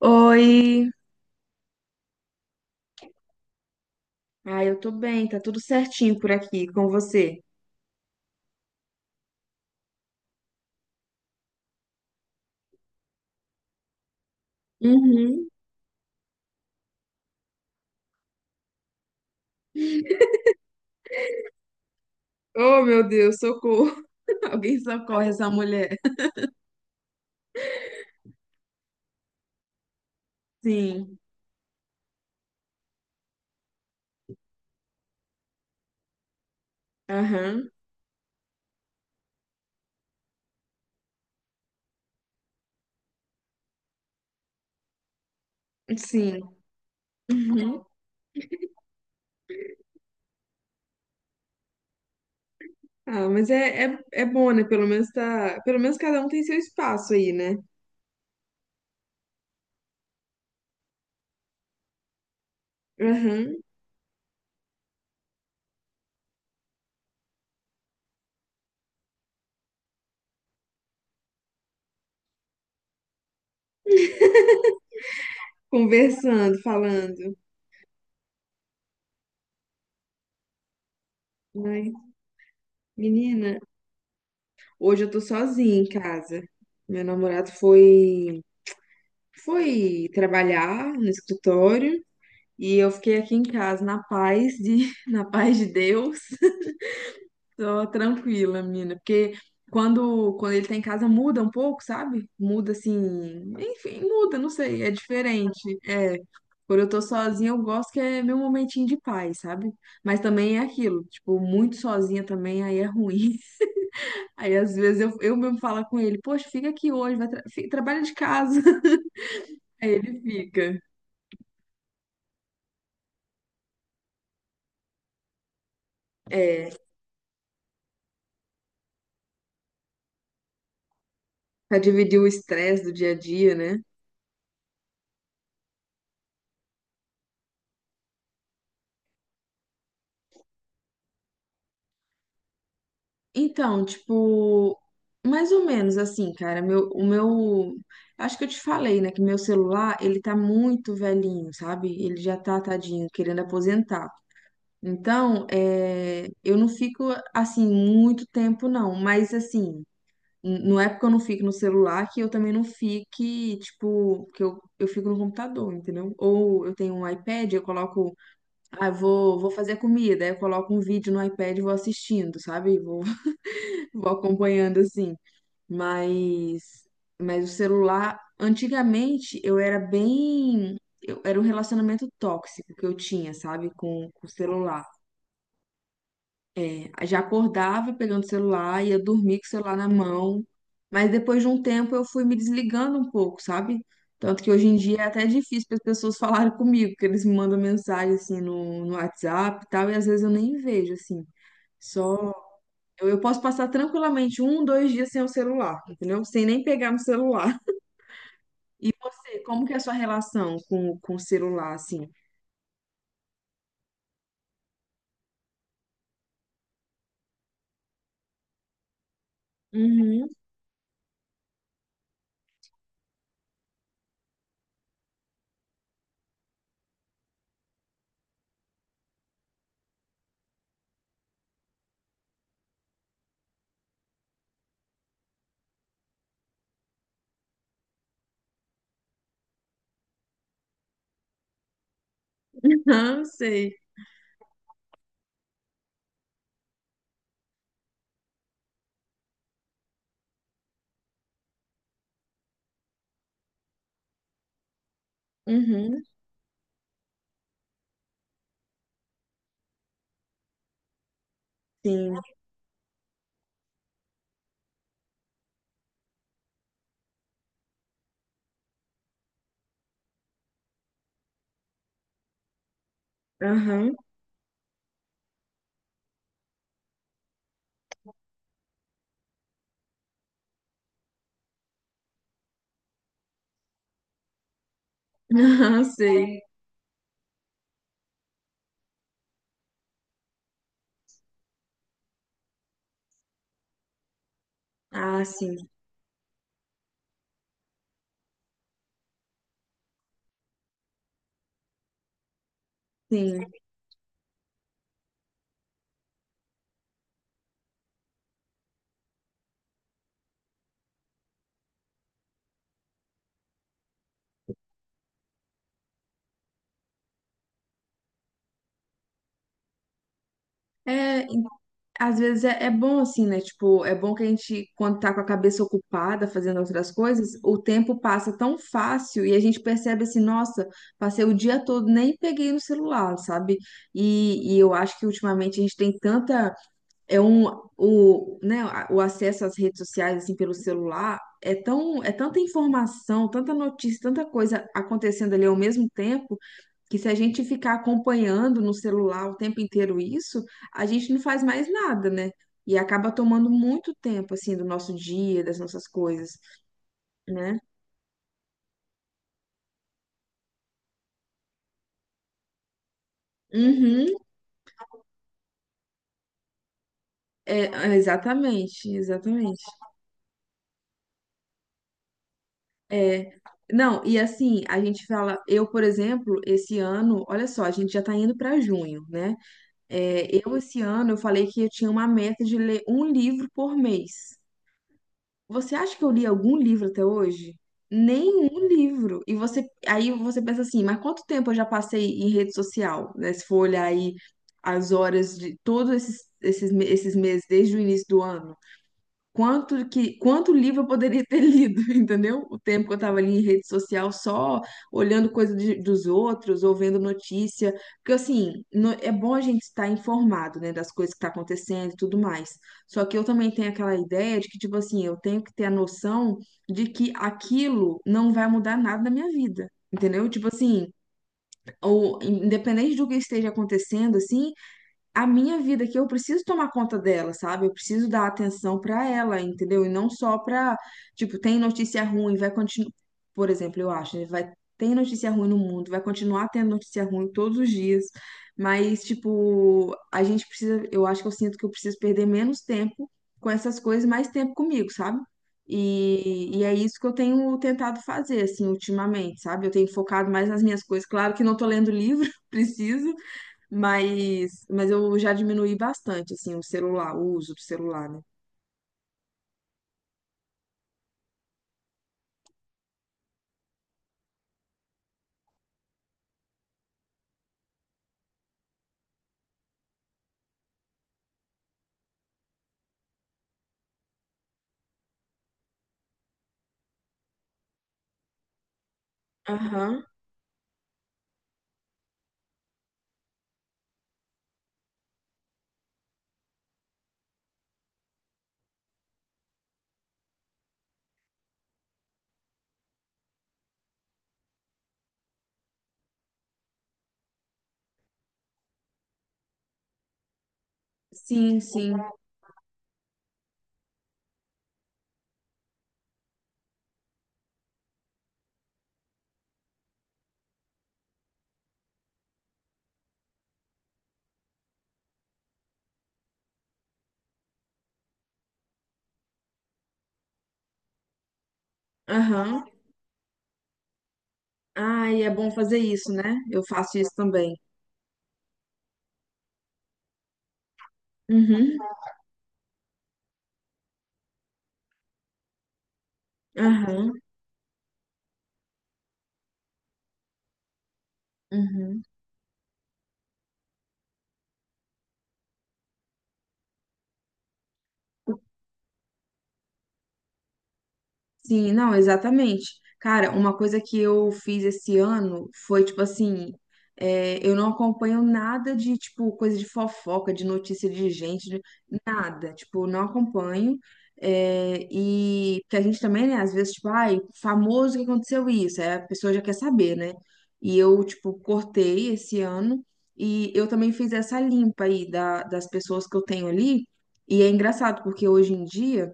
Oi! Ah, eu tô bem, tá tudo certinho por aqui com você. Uhum. Oh, meu Deus, socorro! Alguém socorre essa mulher. Sim, aham, sim. Uhum. Ah, mas é bom, né? Pelo menos tá. Pelo menos cada um tem seu espaço aí, né? Aham. Conversando, falando. Mas, menina, hoje eu tô sozinha em casa. Meu namorado foi, foi trabalhar no escritório. E eu fiquei aqui em casa na paz de Deus. Tô tranquila, menina, porque quando ele tá em casa muda um pouco, sabe? Muda assim, enfim, muda, não sei, é diferente. É, quando eu tô sozinha, eu gosto que é meu momentinho de paz, sabe? Mas também é aquilo, tipo, muito sozinha também aí é ruim. Aí às vezes eu mesmo falo com ele, poxa, fica aqui hoje, trabalha de casa. Aí ele fica. É, pra dividir o estresse do dia a dia, né? Então, tipo, mais ou menos assim, cara, acho que eu te falei, né, que meu celular, ele tá muito velhinho, sabe? Ele já tá, tadinho, querendo aposentar. Então, é, eu não fico, assim, muito tempo, não, mas, assim, não é porque eu não fico no celular que eu também não fique, tipo, eu fico no computador, entendeu? Ou eu tenho um iPad, eu coloco, ah, vou fazer comida, aí eu coloco um vídeo no iPad e vou assistindo, sabe? Vou acompanhando assim, mas mas o celular, antigamente eu era bem, eu, era um relacionamento tóxico que eu tinha, sabe, com o celular. É, já acordava pegando o celular, ia dormir com o celular na mão, mas depois de um tempo eu fui me desligando um pouco, sabe? Tanto que hoje em dia é até difícil para as pessoas falarem comigo, porque eles me mandam mensagem assim no WhatsApp e tal, e às vezes eu nem vejo assim. Só eu posso passar tranquilamente um, dois dias sem o celular, entendeu? Sem nem pegar no celular. E você, como que é a sua relação com o celular, assim? Uhum. Aham, sei. Uhum, sim. Aham. Aham, sei. Ah, sim, sim. É, às vezes é, é bom assim, né? Tipo, é bom que a gente, quando tá com a cabeça ocupada fazendo outras coisas, o tempo passa tão fácil e a gente percebe assim, nossa, passei o dia todo, nem peguei no celular, sabe? E eu acho que ultimamente a gente tem tanta, é um, o, né, o acesso às redes sociais, assim, pelo celular, é tão, é tanta informação, tanta notícia, tanta coisa acontecendo ali ao mesmo tempo, que se a gente ficar acompanhando no celular o tempo inteiro isso, a gente não faz mais nada, né? E acaba tomando muito tempo, assim, do nosso dia, das nossas coisas, né? Uhum, é, é, exatamente, exatamente. É, não, e assim, a gente fala, eu, por exemplo, esse ano, olha só, a gente já tá indo para junho, né? É, eu, esse ano, eu falei que eu tinha uma meta de ler um livro por mês. Você acha que eu li algum livro até hoje? Nenhum livro. E você, aí você pensa assim, mas quanto tempo eu já passei em rede social, né? Se for olhar aí as horas de todos esses meses, desde o início do ano quanto livro eu poderia ter lido, entendeu? O tempo que eu estava ali em rede social só olhando dos outros ou vendo notícia, porque assim, é bom a gente estar informado, né, das coisas que tá acontecendo e tudo mais. Só que eu também tenho aquela ideia de que tipo assim, eu tenho que ter a noção de que aquilo não vai mudar nada na minha vida. Entendeu? Tipo assim, ou independente do que esteja acontecendo, assim, a minha vida que eu preciso tomar conta dela, sabe? Eu preciso dar atenção pra ela, entendeu? E não só pra, tipo, tem notícia ruim, vai continuar, por exemplo, eu acho, né? vai Tem notícia ruim no mundo, vai continuar tendo notícia ruim todos os dias, mas tipo, eu acho que eu sinto que eu preciso perder menos tempo com essas coisas, mais tempo comigo, sabe? E é isso que eu tenho tentado fazer, assim, ultimamente, sabe? Eu tenho focado mais nas minhas coisas. Claro que não tô lendo livro, preciso, mas eu já diminuí bastante, assim, o celular, o uso do celular, né? Aham, sim, sim. Aham. Ai, é bom fazer isso, né? Eu faço isso também. Uhum, aham, uhum. Sim, não, exatamente. Cara, uma coisa que eu fiz esse ano foi, tipo assim, é, eu não acompanho nada de, tipo, coisa de fofoca, de notícia de gente, de- nada. Tipo, não acompanho. É, e porque a gente também, né, às vezes, tipo, ai, famoso que aconteceu isso, aí a pessoa já quer saber, né? E eu, tipo, cortei esse ano e eu também fiz essa limpa aí das pessoas que eu tenho ali. E é engraçado, porque hoje em dia.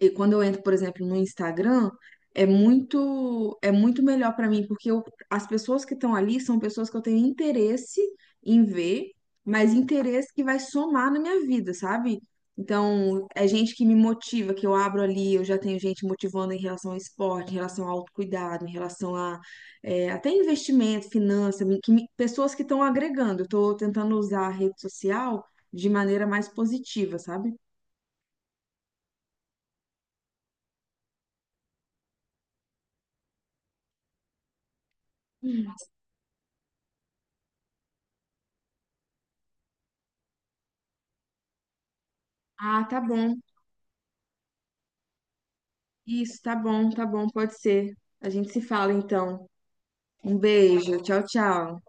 E quando eu entro, por exemplo, no Instagram, é muito melhor para mim, porque as pessoas que estão ali são pessoas que eu tenho interesse em ver, mas interesse que vai somar na minha vida, sabe? Então, é gente que me motiva, que eu abro ali, eu já tenho gente motivando em relação ao esporte, em relação ao autocuidado, em relação a é, até investimento, finança, pessoas que estão agregando. Eu estou tentando usar a rede social de maneira mais positiva, sabe? Hum. Ah, tá bom. Isso, tá bom, pode ser. A gente se fala então. Um beijo, tchau, tchau.